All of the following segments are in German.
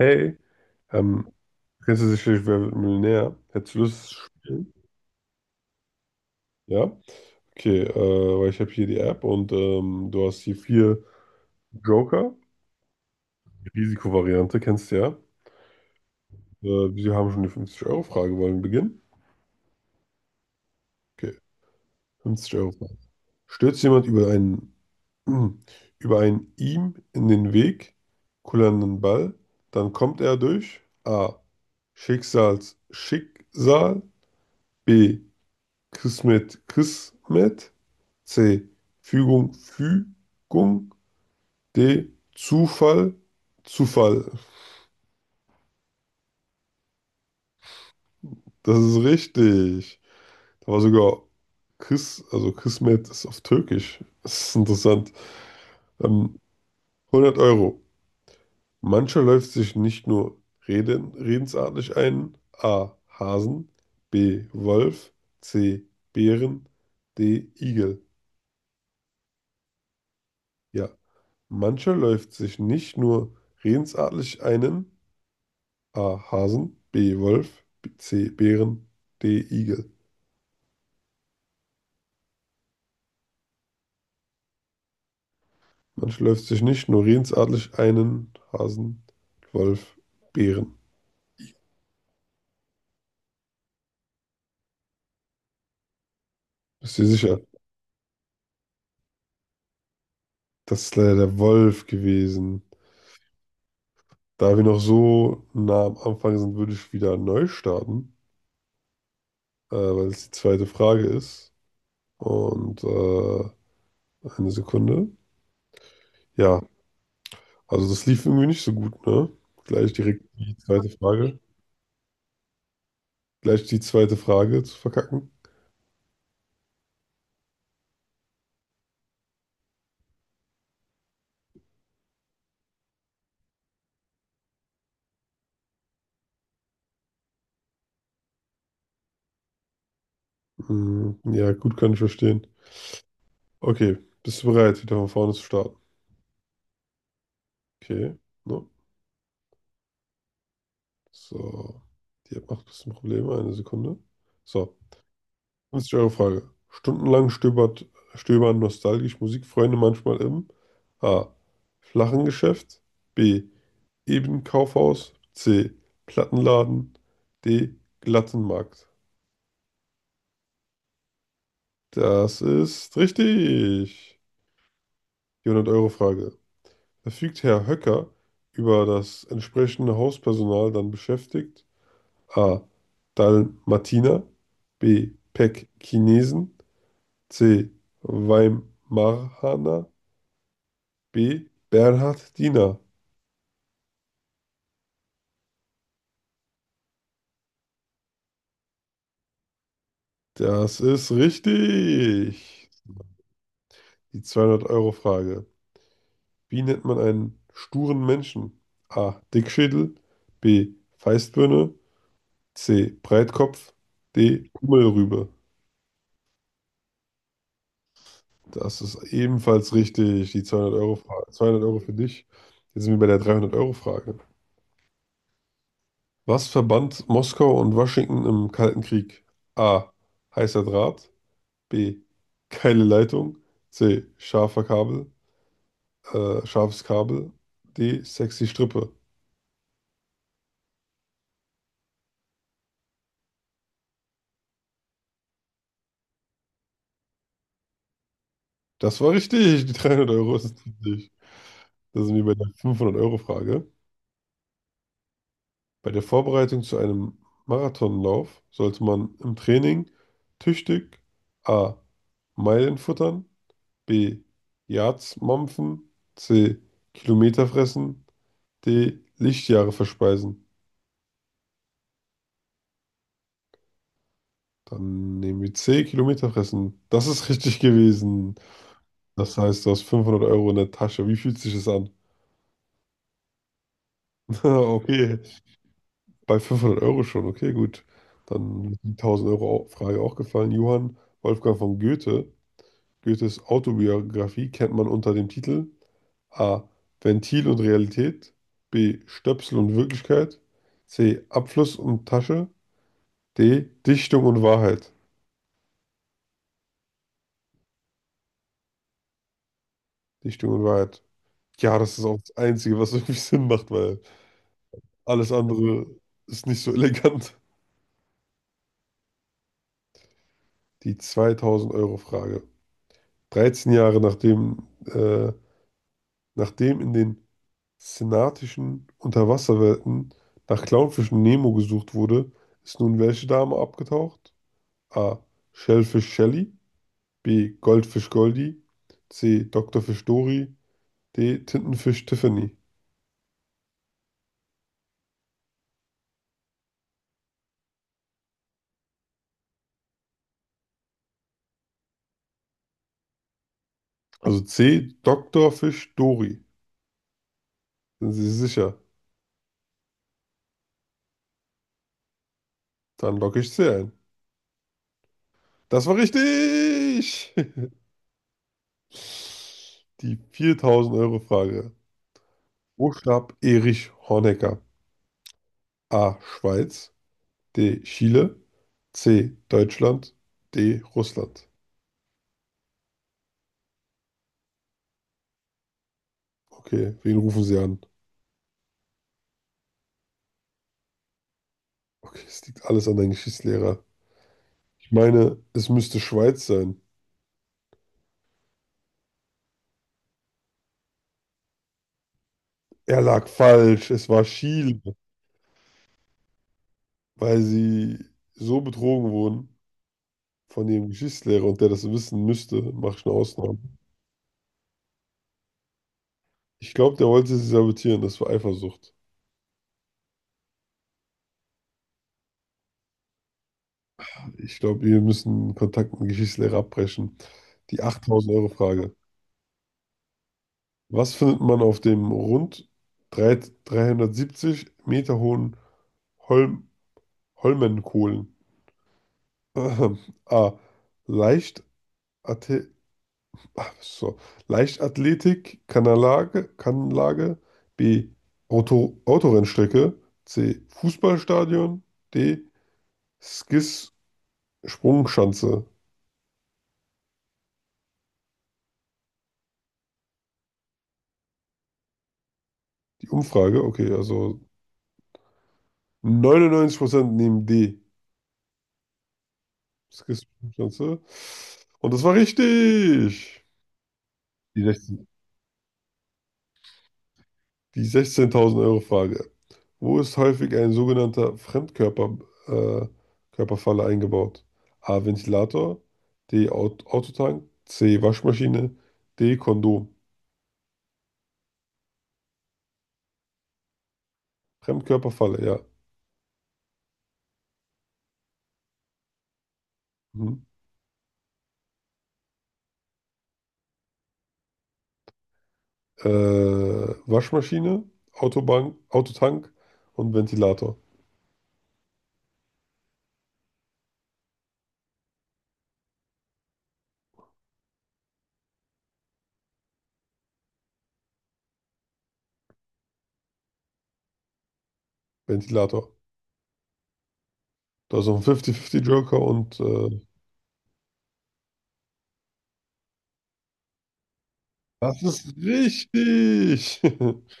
Hey, ähm, kennst du sicherlich Wer wird Millionär? Hättest du Lust zu spielen? Ja? Okay, weil ich habe hier die App und du hast hier vier Joker. Die Risikovariante kennst du ja. Wir haben schon die 50-Euro-Frage. Wollen wir beginnen? Okay, 50-Euro-Frage. Stürzt jemand über einen, über einen ihm in den Weg kullernden Ball, dann kommt er durch A. Schicksals Schicksal, B. Kismet Kismet, C. Fügung, Fügung, D. Zufall, Zufall. Das ist richtig. Da war sogar also Kismet ist auf Türkisch. Das ist interessant. Ähm, 100 Euro. Mancher läuft sich nicht nur redensartlich ein. A. Hasen, B. Wolf, C. Bären, D. Igel. Ja. Mancher läuft sich nicht nur redensartlich einen. A. Hasen, B. Wolf, C. Bären, D. Igel. Man schläft sich nicht nur redensartlich einen Hasen, Wolf, Bären. Bist du dir sicher? Das ist leider der Wolf gewesen. Da wir noch so nah am Anfang sind, würde ich wieder neu starten, weil es die zweite Frage ist. Und eine Sekunde. Ja, also das lief irgendwie nicht so gut, ne? Gleich direkt die zweite Frage. Gleich die zweite Frage zu verkacken. Hm, ja, gut, kann ich verstehen. Okay, bist du bereit, wieder von vorne zu starten? Okay, no. So, die App macht ein bisschen Probleme, eine Sekunde. So, 50 Euro Frage. Stundenlang stöbern nostalgisch Musikfreunde manchmal im A. Flachen Geschäft, B. Ebenkaufhaus, C. Plattenladen, D. Glatten Markt. Das ist richtig. Die 100 Euro Frage. Verfügt Herr Höcker über das entsprechende Hauspersonal dann beschäftigt? A. Dalmatiner, B. Pekkinesen, C. Weimaraner, B. Bernhardiner. Das ist richtig. Die zweihundert Euro Frage. Wie nennt man einen sturen Menschen? A. Dickschädel, B. Feistbirne, C. Breitkopf, D. Kummelrübe. Das ist ebenfalls richtig. Die 200 Euro Frage. 200 Euro für dich. Jetzt sind wir bei der 300 Euro Frage. Was verband Moskau und Washington im Kalten Krieg? A. Heißer Draht, B. Geile Leitung, C. Scharfer Kabel. Scharfes Kabel. D. Sexy Strippe. Das war richtig. Die 300 Euro ist richtig. Das sind wir bei der 500-Euro-Frage. Bei der Vorbereitung zu einem Marathonlauf sollte man im Training tüchtig A. Meilen futtern, B. Yards mampfen, C. Kilometer fressen, D. Lichtjahre verspeisen. Dann nehmen wir C, Kilometer fressen. Das ist richtig gewesen. Das heißt, du hast 500 Euro in der Tasche. Wie fühlt sich das an? Okay, bei 500 Euro schon. Okay, gut. Dann ist die 1000 Euro Frage auch gefallen. Johann Wolfgang von Goethe. Goethes Autobiografie kennt man unter dem Titel A. Ventil und Realität, B. Stöpsel und Wirklichkeit, C. Abfluss und Tasche, D. Dichtung und Wahrheit. Dichtung und Wahrheit. Ja, das ist auch das Einzige, was irgendwie Sinn macht, weil alles andere ist nicht so elegant. Die 2000-Euro-Frage. 13 Jahre nachdem in den senatischen Unterwasserwelten nach Clownfischen Nemo gesucht wurde, ist nun welche Dame abgetaucht? A. Shellfish Shelly, B. Goldfisch Goldie, C. Doktorfisch Dory, D. Tintenfisch Tiffany. Also C. Doktorfisch Dory. Sind Sie sicher? Dann logge ich C ein. Das war richtig! Die 4000-Euro-Frage. Wo starb Erich Honecker? A. Schweiz, D. Chile, C. Deutschland, D. Russland. Okay, wen rufen Sie an? Okay, es liegt alles an deinem Geschichtslehrer. Ich meine, es müsste Schweiz sein. Er lag falsch. Es war Chile, weil sie so betrogen wurden von ihrem Geschichtslehrer und der das wissen müsste, mache ich eine Ausnahme. Ich glaube, der wollte sie sabotieren. Das war Eifersucht. Ich glaube, wir müssen Kontakt mit dem Geschichtslehrer abbrechen. Die 8000-Euro-Frage. Was findet man auf dem rund 3, 370 Meter hohen Holm, Holmenkollen? Ahem. A. Leicht Athe- so. Leichtathletik, Kanlage. B. Autorennstrecke. C. Fußballstadion. D. Skis Sprungschanze. Die Umfrage, okay, also 99% nehmen D. Das kriegst du ganz, ne? Und das war richtig. Die 16. Die 16.000 Euro Frage. Wo ist häufig ein sogenannter Fremdkörper, äh, Körperfalle eingebaut? A. Ventilator, D. Autotank, C. Waschmaschine, D. Kondom. Fremdkörperfalle, ja. Mhm. Äh, Waschmaschine, Autobank, Autotank und Ventilator. Ventilator. Da ist noch ein 50-50 Joker und das ist richtig.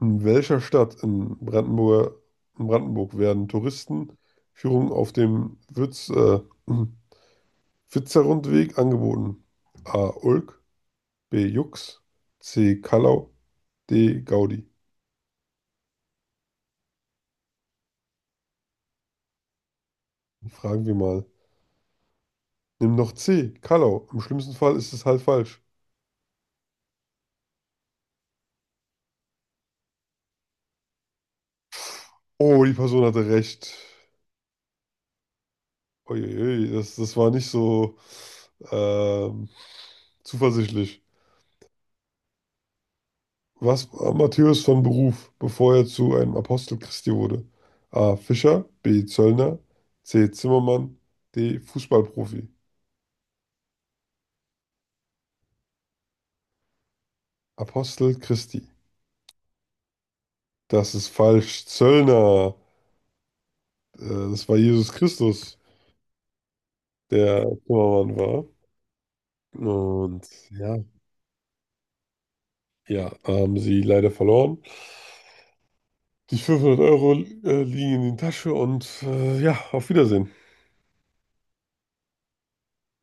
In welcher Stadt in in Brandenburg werden Touristenführungen auf dem Witserrundweg angeboten? A. Ulk, B. Jux, C. Kallau, D. Gaudi. Fragen wir mal. Nimm doch C. Kallau. Im schlimmsten Fall ist es halt falsch. Oh, die Person hatte recht. Uiuiui, das war nicht so ähm, zuversichtlich. Was war Matthäus von Beruf, bevor er zu einem Apostel Christi wurde? A. Fischer, B. Zöllner, C. Zimmermann, D. Fußballprofi. Apostel Christi. Das ist falsch. Zöllner. Äh, Das war Jesus Christus, der Zimmermann war. Und ja, ja, haben sie leider verloren. Die 500 Euro liegen in die Tasche und ja, auf Wiedersehen.